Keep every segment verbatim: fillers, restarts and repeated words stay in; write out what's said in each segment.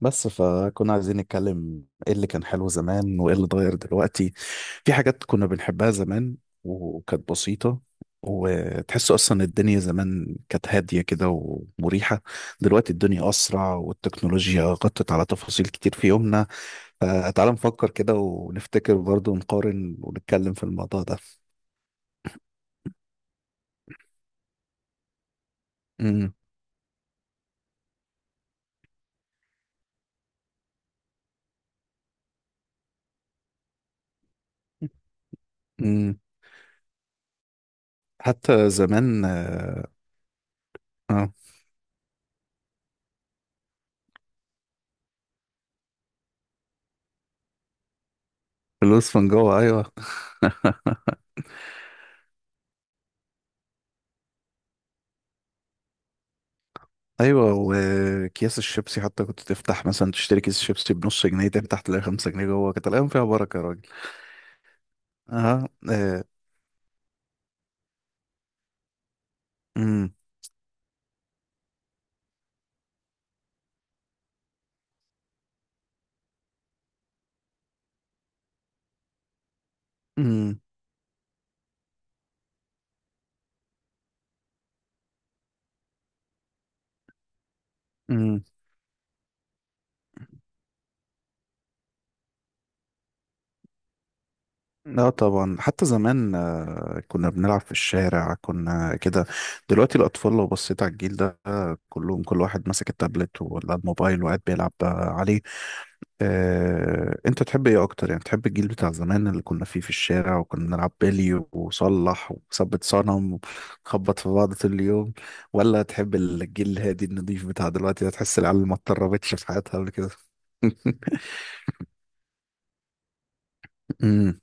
بس فكنا عايزين نتكلم ايه اللي كان حلو زمان وايه اللي اتغير دلوقتي. في حاجات كنا بنحبها زمان وكانت بسيطة، وتحس اصلا الدنيا زمان كانت هادية كده ومريحة. دلوقتي الدنيا اسرع والتكنولوجيا غطت على تفاصيل كتير في يومنا، فتعال نفكر كده ونفتكر برضه ونقارن ونتكلم في الموضوع ده. امم. امم. حتى زمان اه. آه، فلوس من جوه، ايوه. ايوه، وكياس الشيبسي حتى كنت تفتح مثلا تشتري كيس شيبسي بنص جنيه، تفتح تلاقي خمسة جنيه جوه. كانت الايام فيها بركه يا راجل. اه. آه، امم. امم. امم. لا طبعا، حتى زمان آه، كنا بنلعب في الشارع، كنا كده. دلوقتي الاطفال لو بصيت على الجيل ده آه، كلهم، كل واحد ماسك التابلت ولا الموبايل وقاعد بيلعب آه، عليه. آه، انت تحب ايه اكتر؟ يعني تحب الجيل بتاع زمان اللي كنا فيه في الشارع وكنا نلعب بلي وصلح وثبت صنم ونخبط في بعض طول اليوم، ولا تحب الجيل الهادي النضيف بتاع دلوقتي ده؟ تحس العيال ما اتطربتش في حياتها قبل كده. امم.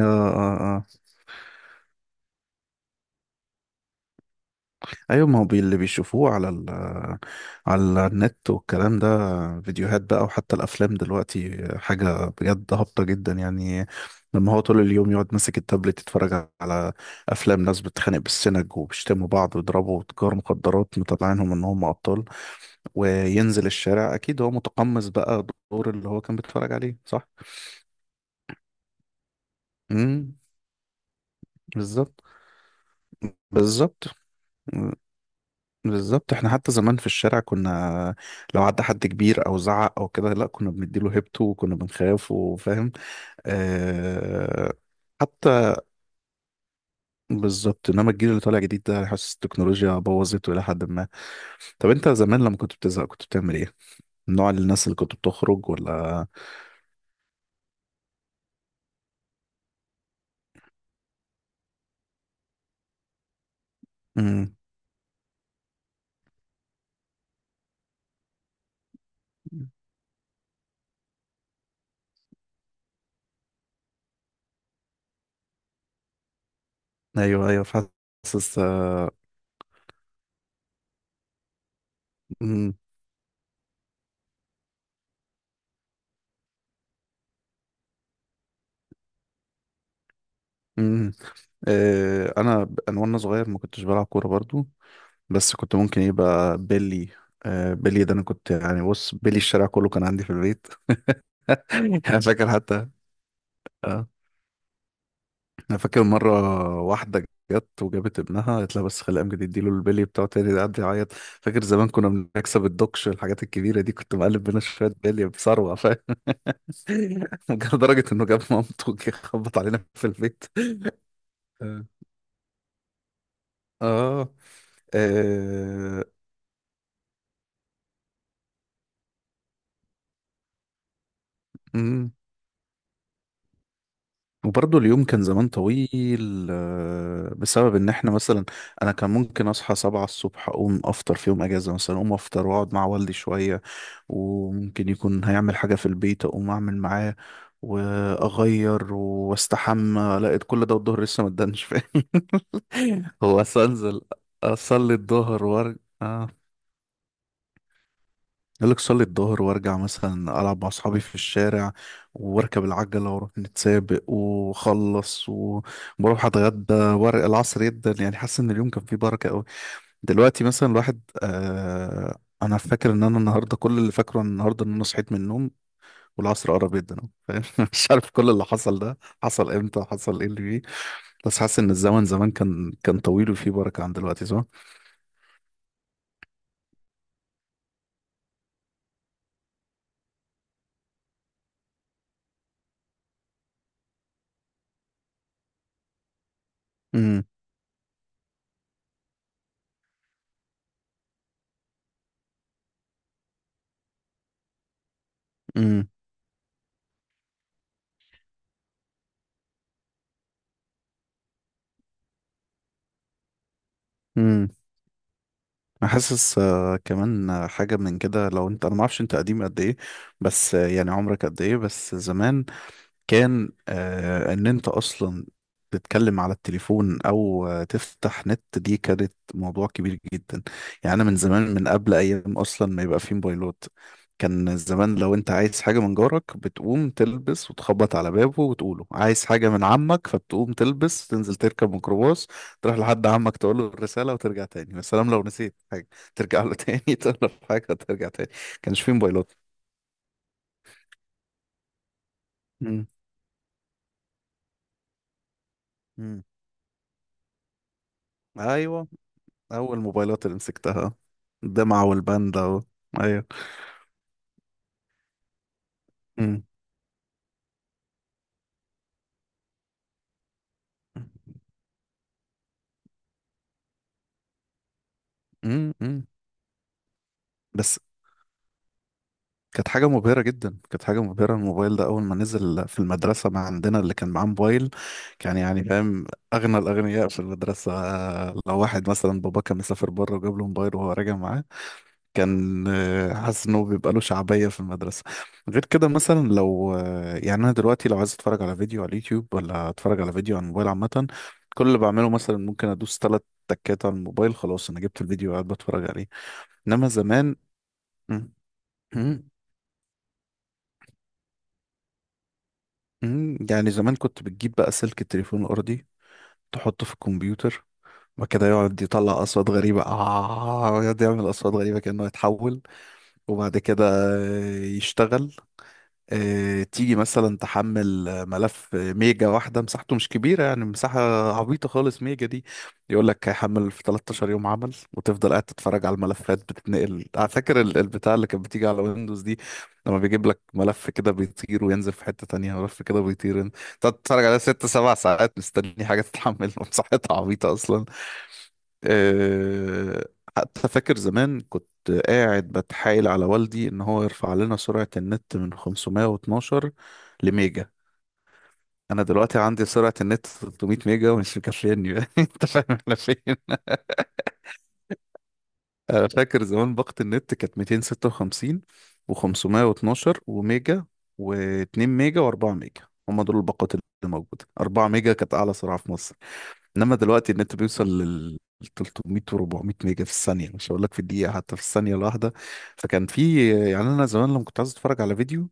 اه. اه. ايوه، ما هو بي- اللي بيشوفوه على ال على النت والكلام ده، فيديوهات بقى وحتى الافلام دلوقتي، حاجه بجد هابطه جدا يعني. لما هو طول اليوم يقعد ماسك التابلت يتفرج على افلام ناس بتتخانق بالسنج وبيشتموا بعض ويضربوا تجار مخدرات، مطلعينهم ان هم ابطال، وينزل الشارع اكيد هو متقمص بقى دور اللي هو كان بيتفرج عليه، صح. امم. بالظبط. بالظبط. بالظبط، احنا حتى زمان في الشارع كنا لو عدى حد كبير او زعق او كده، لا كنا بنديله هيبته وكنا بنخاف، وفاهم. اه. حتى بالظبط، انما الجيل اللي طالع جديد ده حاسس التكنولوجيا بوظته الى حد ما. طب انت زمان لما كنت بتزهق كنت بتعمل ايه؟ من نوع الناس اللي كنت بتخرج ولا؟ امم. ايوه ايوه، حاسس. امم. امم. اه، انا ب- انا وانا صغير ما كنتش بلعب كوره برضو، بس كنت ممكن يبقى بيلي. آه بيلي ده، انا كنت يعني بص، بيلي الشارع كله كان عندي في البيت. انا فاكر حتى. اه، انا فاكر مره واحده جت وجابت ابنها قالت لها، بس خلي امجد يديله البيلي بتاعه تاني، ده قعد يعيط. فاكر زمان كنا بنكسب الدوكش، الحاجات الكبيره دي، كنت مقلب بينا شويه بيلي بثروه، فاهم. لدرجه انه جاب مامته وجه خبط علينا في البيت. اه. اه. آه، وبرضه اليوم كان زمان طويل، آه، بسبب ان احنا مثلا انا كان ممكن اصحى سبعة الصبح، اقوم افطر في يوم اجازة مثلا، اقوم افطر واقعد مع والدي شوية، وممكن يكون هيعمل حاجة في البيت اقوم اعمل معاه، واغير واستحمى، لقيت كل ده والظهر لسه ما ادانش، فاهم. هو أصل انزل اصلي الظهر وارجع. يقول لك صلي الظهر وارجع، مثلا العب مع اصحابي في الشارع، واركب العجله واروح نتسابق واخلص وبروح اتغدى وارق العصر جدا، يعني حاسس ان اليوم كان فيه بركه قوي. دلوقتي مثلا الواحد آه انا فاكر ان انا النهارده، كل اللي فاكره عن النهارده ان انا صحيت من النوم والعصر قرب جدا أهو، فاهم. مش عارف كل اللي حصل ده حصل امتى، حصل ايه اللي فيه. بس حاسس ان الزمن زمان كان كان طويل وفيه بركه عن دلوقتي، صح؟ امم. امم. انا حاسس آه، كمان آه، حاجه من كده. لو انت، انا ما اعرفش انت قديم قد ايه، بس آه، يعني عمرك قد ايه؟ بس زمان كان آه ان انت اصلا تتكلم على التليفون او آه، تفتح نت، دي كانت موضوع كبير جدا. يعني انا من زمان، من قبل ايام اصلا ما يبقى فيه موبايلات. كان زمان لو انت عايز حاجة من جارك بتقوم تلبس وتخبط على بابه وتقوله عايز حاجة من عمك، فبتقوم تلبس تنزل تركب ميكروباص، تروح لحد عمك تقول له الرسالة وترجع تاني. يا سلام لو نسيت حاجة، ترجع له تاني تقول له حاجة، ترجع تاني. كانش فيه موبايلات. مم. مم. ايوه. اول موبايلات اللي مسكتها الدمعة والباندا و... ايوه. امم. امم. أمم. بس كانت حاجة مبهرة جدا، كانت حاجة مبهرة. الموبايل ده أول ما نزل في المدرسة، ما عندنا اللي كان معاه موبايل كان يعني فاهم أغنى الأغنياء في المدرسة. آه، لو واحد مثلا بابا كان مسافر بره وجاب له موبايل وهو راجع معاه، كان آه، حاسس انه بيبقى له شعبية في المدرسة. غير كده مثلا، لو آه، يعني انا دلوقتي لو عايز اتفرج على فيديو على اليوتيوب، ولا اتفرج على فيديو على الموبايل عامة، كل اللي بعمله مثلا ممكن ادوس تلات تكات على الموبايل، خلاص انا جبت الفيديو وقاعد بتفرج عليه. انما زمان، مم، مم، مم، يعني زمان كنت بتجيب بقى سلك التليفون الارضي، تحطه في الكمبيوتر وكده، يقعد يطلع اصوات غريبه، اه يقعد يعمل اصوات غريبه كانه يتحول، وبعد كده آه، يشتغل. آه، تيجي مثلا تحمل آه، ملف آه، ميجا واحدة مساحته مش كبيرة، يعني مساحة عبيطة خالص ميجا دي. يقول لك هيحمل في 13 يوم عمل، وتفضل قاعد تتفرج على الملفات بتتنقل، على فاكر ال- البتاع اللي كانت بتيجي على ويندوز دي، لما بيجيب لك ملف كده بيطير وينزل في حتة تانية، ملف كده بيطير. تقعد تتفرج عليها ست سبع ساعات مستني حاجة تتحمل. مساحتها عبيطة أصلا. آه، حتى فاكر زمان كنت قاعد بتحايل على والدي ان هو يرفع لنا سرعة النت من خمسمئة واثنا عشر لميجا. انا دلوقتي عندي سرعة النت 300 ميجا ومش مكفياني بقى. انت فاهم احنا فين. انا فاكر زمان باقة النت كانت ميتين ستة وخمسين و512 وميجا و2 ميجا و4 ميجا، هما دول الباقات اللي موجودة. 4 ميجا كانت اعلى سرعة في مصر. انما دلوقتي النت بيوصل لل تلتمية و400 ميجا في الثانيه، مش هقول لك في الدقيقه، حتى في الثانيه الواحده. فكان في يعني، انا زمان لما كنت عايز اتفرج على فيديو،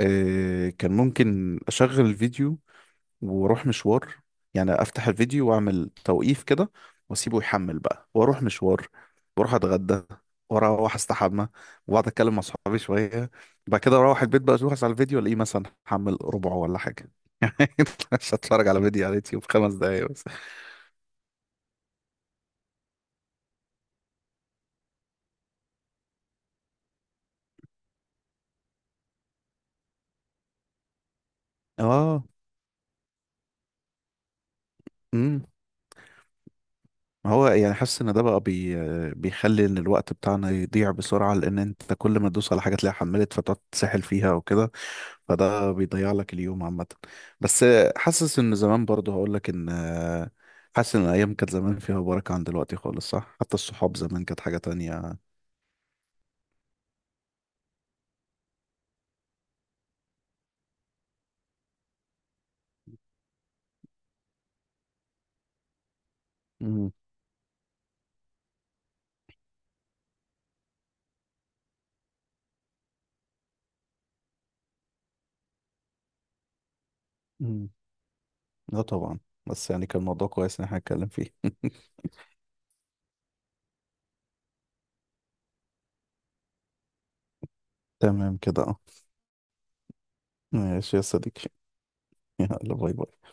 آه، كان ممكن اشغل الفيديو واروح مشوار. يعني افتح الفيديو واعمل توقيف كده، واسيبه يحمل بقى واروح مشوار، واروح اتغدى واروح استحمى واقعد اتكلم مع صحابي شويه، بعد كده اروح البيت بقى اشوف على الفيديو الاقيه مثلا حمل ربعه ولا حاجه. مش هتفرج على فيديو على اليوتيوب خمس دقايق بس. اه. امم. ما هو يعني حاسس ان ده بقى بي بيخلي ان الوقت بتاعنا يضيع بسرعه، لان انت كل ما تدوس على حاجه تلاقيها حملت، فتقعد تسحل فيها وكده، فده بيضيع لك اليوم عامه. بس حاسس ان زمان برضه، هقول لك ان حاسس ان الايام كانت زمان فيها بركه عن دلوقتي خالص، صح. حتى الصحاب زمان كانت حاجه تانية. امم. امم. لا طبعا. بس يعني كان الموضوع كويس ان احنا نتكلم فيه. تمام كده اه. ماشي يا صديقي. يلا باي باي.